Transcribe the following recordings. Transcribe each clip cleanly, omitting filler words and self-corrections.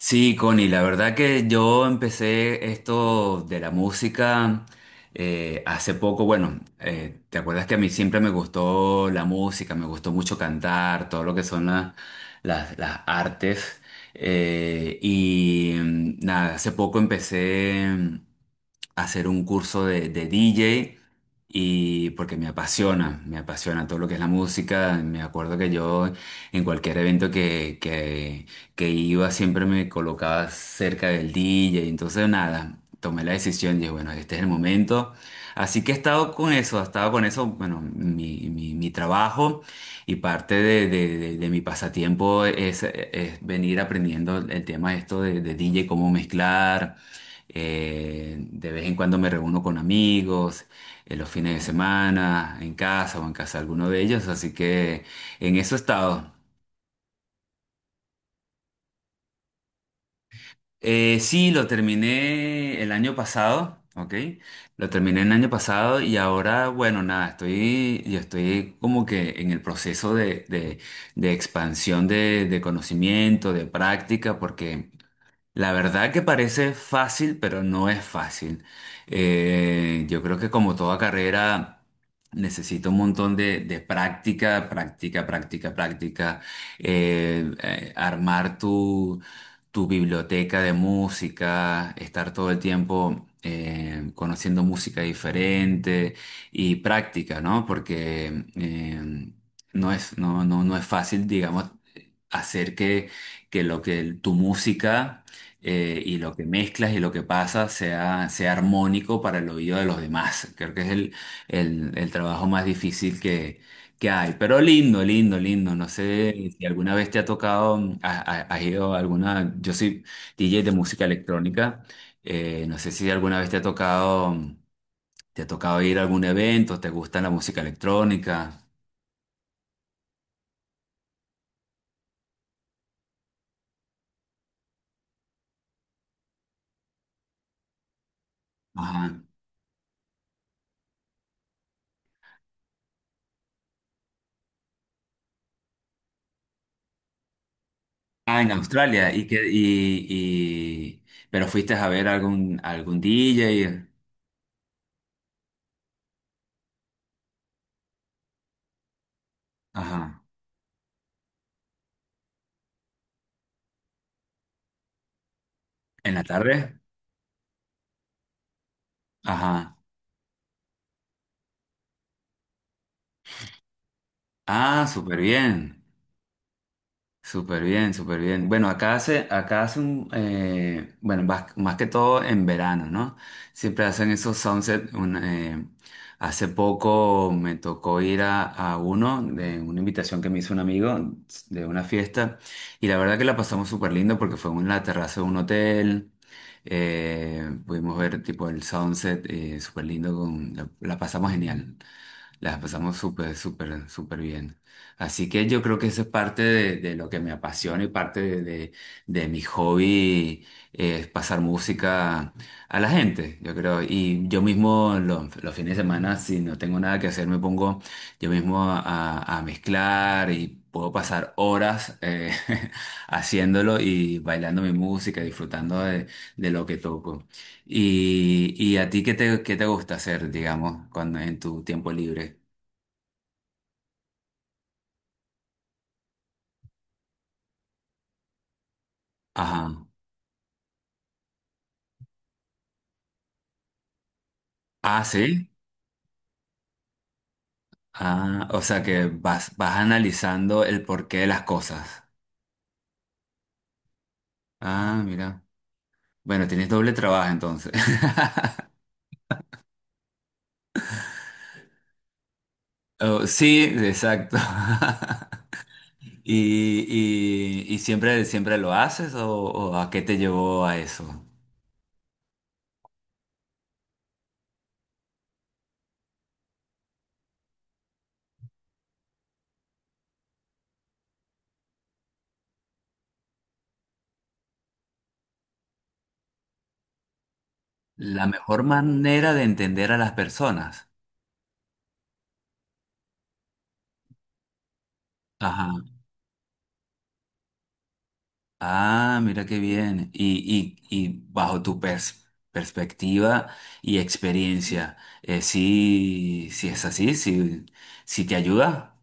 Sí, Connie, la verdad que yo empecé esto de la música hace poco. Bueno, ¿te acuerdas que a mí siempre me gustó la música, me gustó mucho cantar, todo lo que son las artes? Nada, hace poco empecé a hacer un curso de DJ y porque me apasiona todo lo que es la música. Me acuerdo que yo en cualquier evento que iba siempre me colocaba cerca del DJ, y entonces nada, tomé la decisión, dije, bueno, este es el momento. Así que he estado con eso, he estado con eso, bueno, mi trabajo y parte de mi pasatiempo es venir aprendiendo el tema esto de DJ, cómo mezclar. De vez en cuando me reúno con amigos, en los fines de semana, en casa o en casa de alguno de ellos, así que en eso he estado. Sí, lo terminé el año pasado, ¿ok? Lo terminé el año pasado y ahora, bueno, nada, estoy, yo estoy como que en el proceso de expansión de conocimiento, de práctica, porque la verdad que parece fácil, pero no es fácil. Yo creo que como toda carrera necesito un montón de práctica, práctica, práctica, práctica. Armar tu biblioteca de música, estar todo el tiempo conociendo música diferente y práctica, ¿no? Porque no es fácil, digamos, hacer que que lo que tu música lo que mezclas y lo que pasa sea armónico para el oído de los demás. Creo que es el trabajo más difícil que hay, pero lindo, lindo, lindo. No sé si alguna vez te ha tocado, has ido a alguna, yo soy DJ de música electrónica, no sé si alguna vez te ha tocado, te ha tocado ir a algún evento, te gusta la música electrónica. Ajá. Ah, en Australia, pero fuiste a ver algún DJ. Ajá. ¿En la tarde? Ajá. Ah, súper bien. Súper bien, súper bien. Bueno, acá hace un, bueno, más que todo en verano, ¿no? Siempre hacen esos sunset. Un, hace poco me tocó ir a uno de una invitación que me hizo un amigo de una fiesta y la verdad que la pasamos súper lindo porque fue en la terraza de un hotel. Pudimos ver tipo el sunset, súper lindo, con, la pasamos genial. Las pasamos súper, súper, súper bien. Así que yo creo que eso es parte de lo que me apasiona y parte de mi hobby, es pasar música a la gente, yo creo. Y yo mismo los fines de semana, si no tengo nada que hacer, me pongo yo mismo a mezclar y puedo pasar horas haciéndolo y bailando mi música, disfrutando de lo que toco. ¿Y a ti qué te gusta hacer, digamos, cuando en tu tiempo libre? Ajá. Ah, sí. Ah, o sea que vas analizando el porqué de las cosas. Ah, mira. Bueno, tienes doble trabajo entonces. Oh, sí, exacto. ¿Y siempre, siempre lo haces o a qué te llevó a eso? La mejor manera de entender a las personas. Ajá. Ah, mira qué bien. Y bajo perspectiva y experiencia, sí, sí es así, sí, sí te ayuda,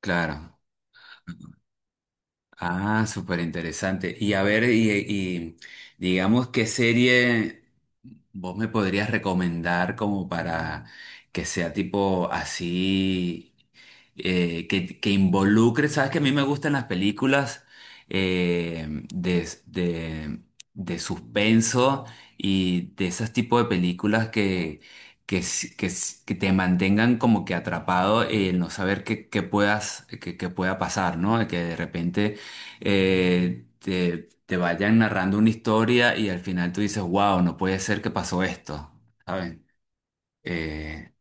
claro. Ah, súper interesante. Y a ver digamos, ¿qué serie vos me podrías recomendar como para que sea tipo así, que involucre, sabes que a mí me gustan las películas eh, de, de, de suspenso y de esos tipos de películas que te mantengan como que atrapado en no saber qué puedas, qué pueda pasar, ¿no? Que de repente te vayan narrando una historia y al final tú dices, wow, no puede ser que pasó esto, ¿saben? Eh,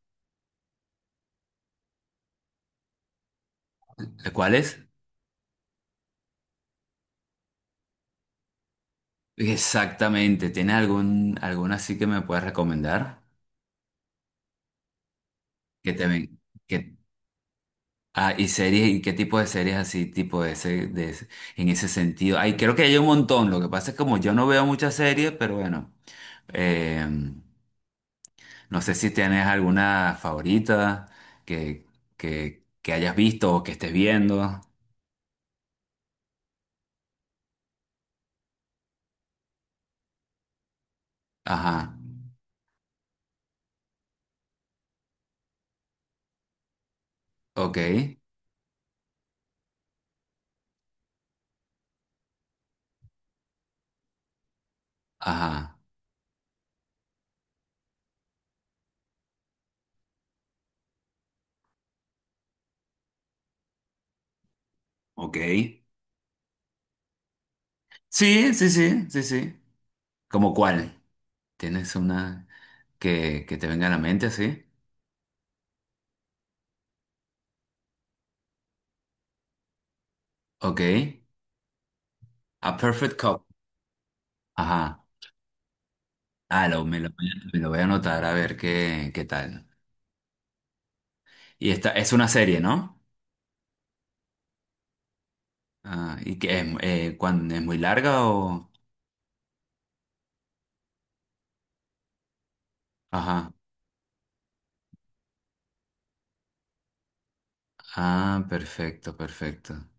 ¿Cuál es? Exactamente, ¿tienes alguna así que me puedes recomendar? Que te ven, que, ah, y series, ¿y qué tipo de series así, tipo de ese- en ese sentido? Ay, creo que hay un montón, lo que pasa es que como yo no veo muchas series, pero bueno, eh, no sé si tienes alguna favorita que, que hayas visto o que estés viendo. Ajá, ok, ajá, ok. Sí, sí, sí, sí, sí. ¿Cómo cuál? ¿Tienes una que te venga a la mente así? Ok, A Perfect Cup. Ajá, ah, lo, me lo, voy a me lo voy a anotar a ver qué, qué tal. Y esta es una serie, ¿no? Ah, ¿y que es, es muy larga o...? Ajá, ah, perfecto, perfecto.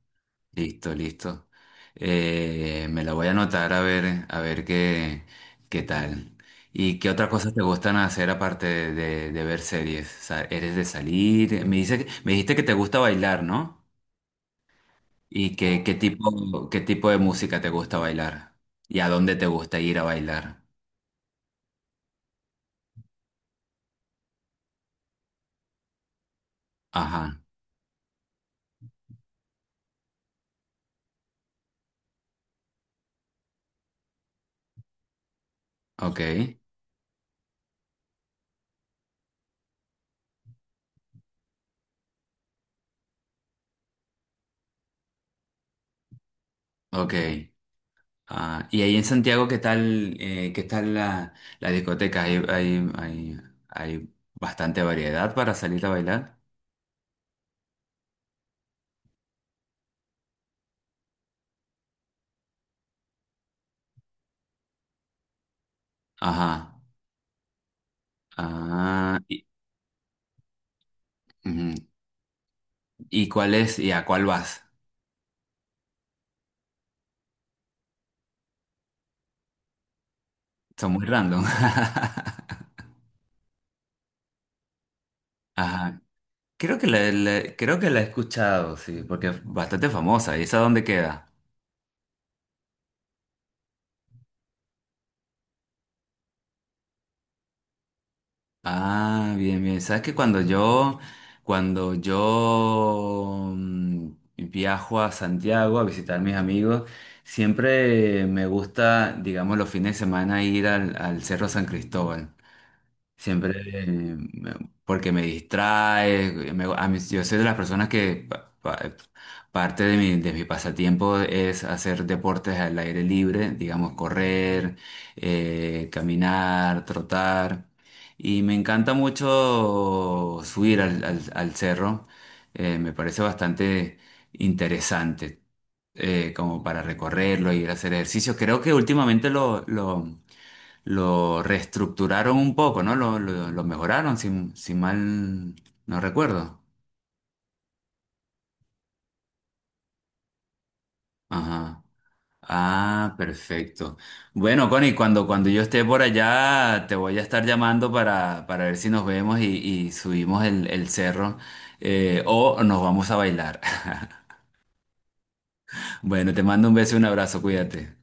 Listo, listo. Me la voy a anotar a ver qué, qué tal. ¿Y qué otras cosas te gustan hacer aparte de ver series? O sea, ¿eres de salir? Me dijiste que te gusta bailar, ¿no? ¿Qué tipo, qué tipo de música te gusta bailar? ¿Y a dónde te gusta ir a bailar? Ajá, ok, ok. Ah, y ahí en Santiago, ¿qué tal la, la discoteca? ¿Hay bastante variedad para salir a bailar? Ajá. Ah, y, ujú. ¿Y a cuál vas? Son muy random. Ajá. Creo que creo que la he escuchado, sí, porque es bastante famosa. ¿Y esa dónde queda? Ah, bien, bien. Sabes que cuando yo viajo a Santiago a visitar a mis amigos, siempre me gusta, digamos, los fines de semana ir al Cerro San Cristóbal. Siempre, me- porque me distrae, yo soy de las personas que parte de mi pasatiempo es hacer deportes al aire libre, digamos correr, caminar, trotar, y me encanta mucho subir al cerro, me parece bastante interesante, como para recorrerlo, y ir a hacer ejercicio. Creo que últimamente lo reestructuraron un poco, ¿no? Lo mejoraron, si, si mal no recuerdo. Ajá. Ah, perfecto. Bueno, Connie, cuando yo esté por allá, te voy a estar llamando para ver si nos vemos y subimos el cerro o nos vamos a bailar. Bueno, te mando un beso y un abrazo, cuídate.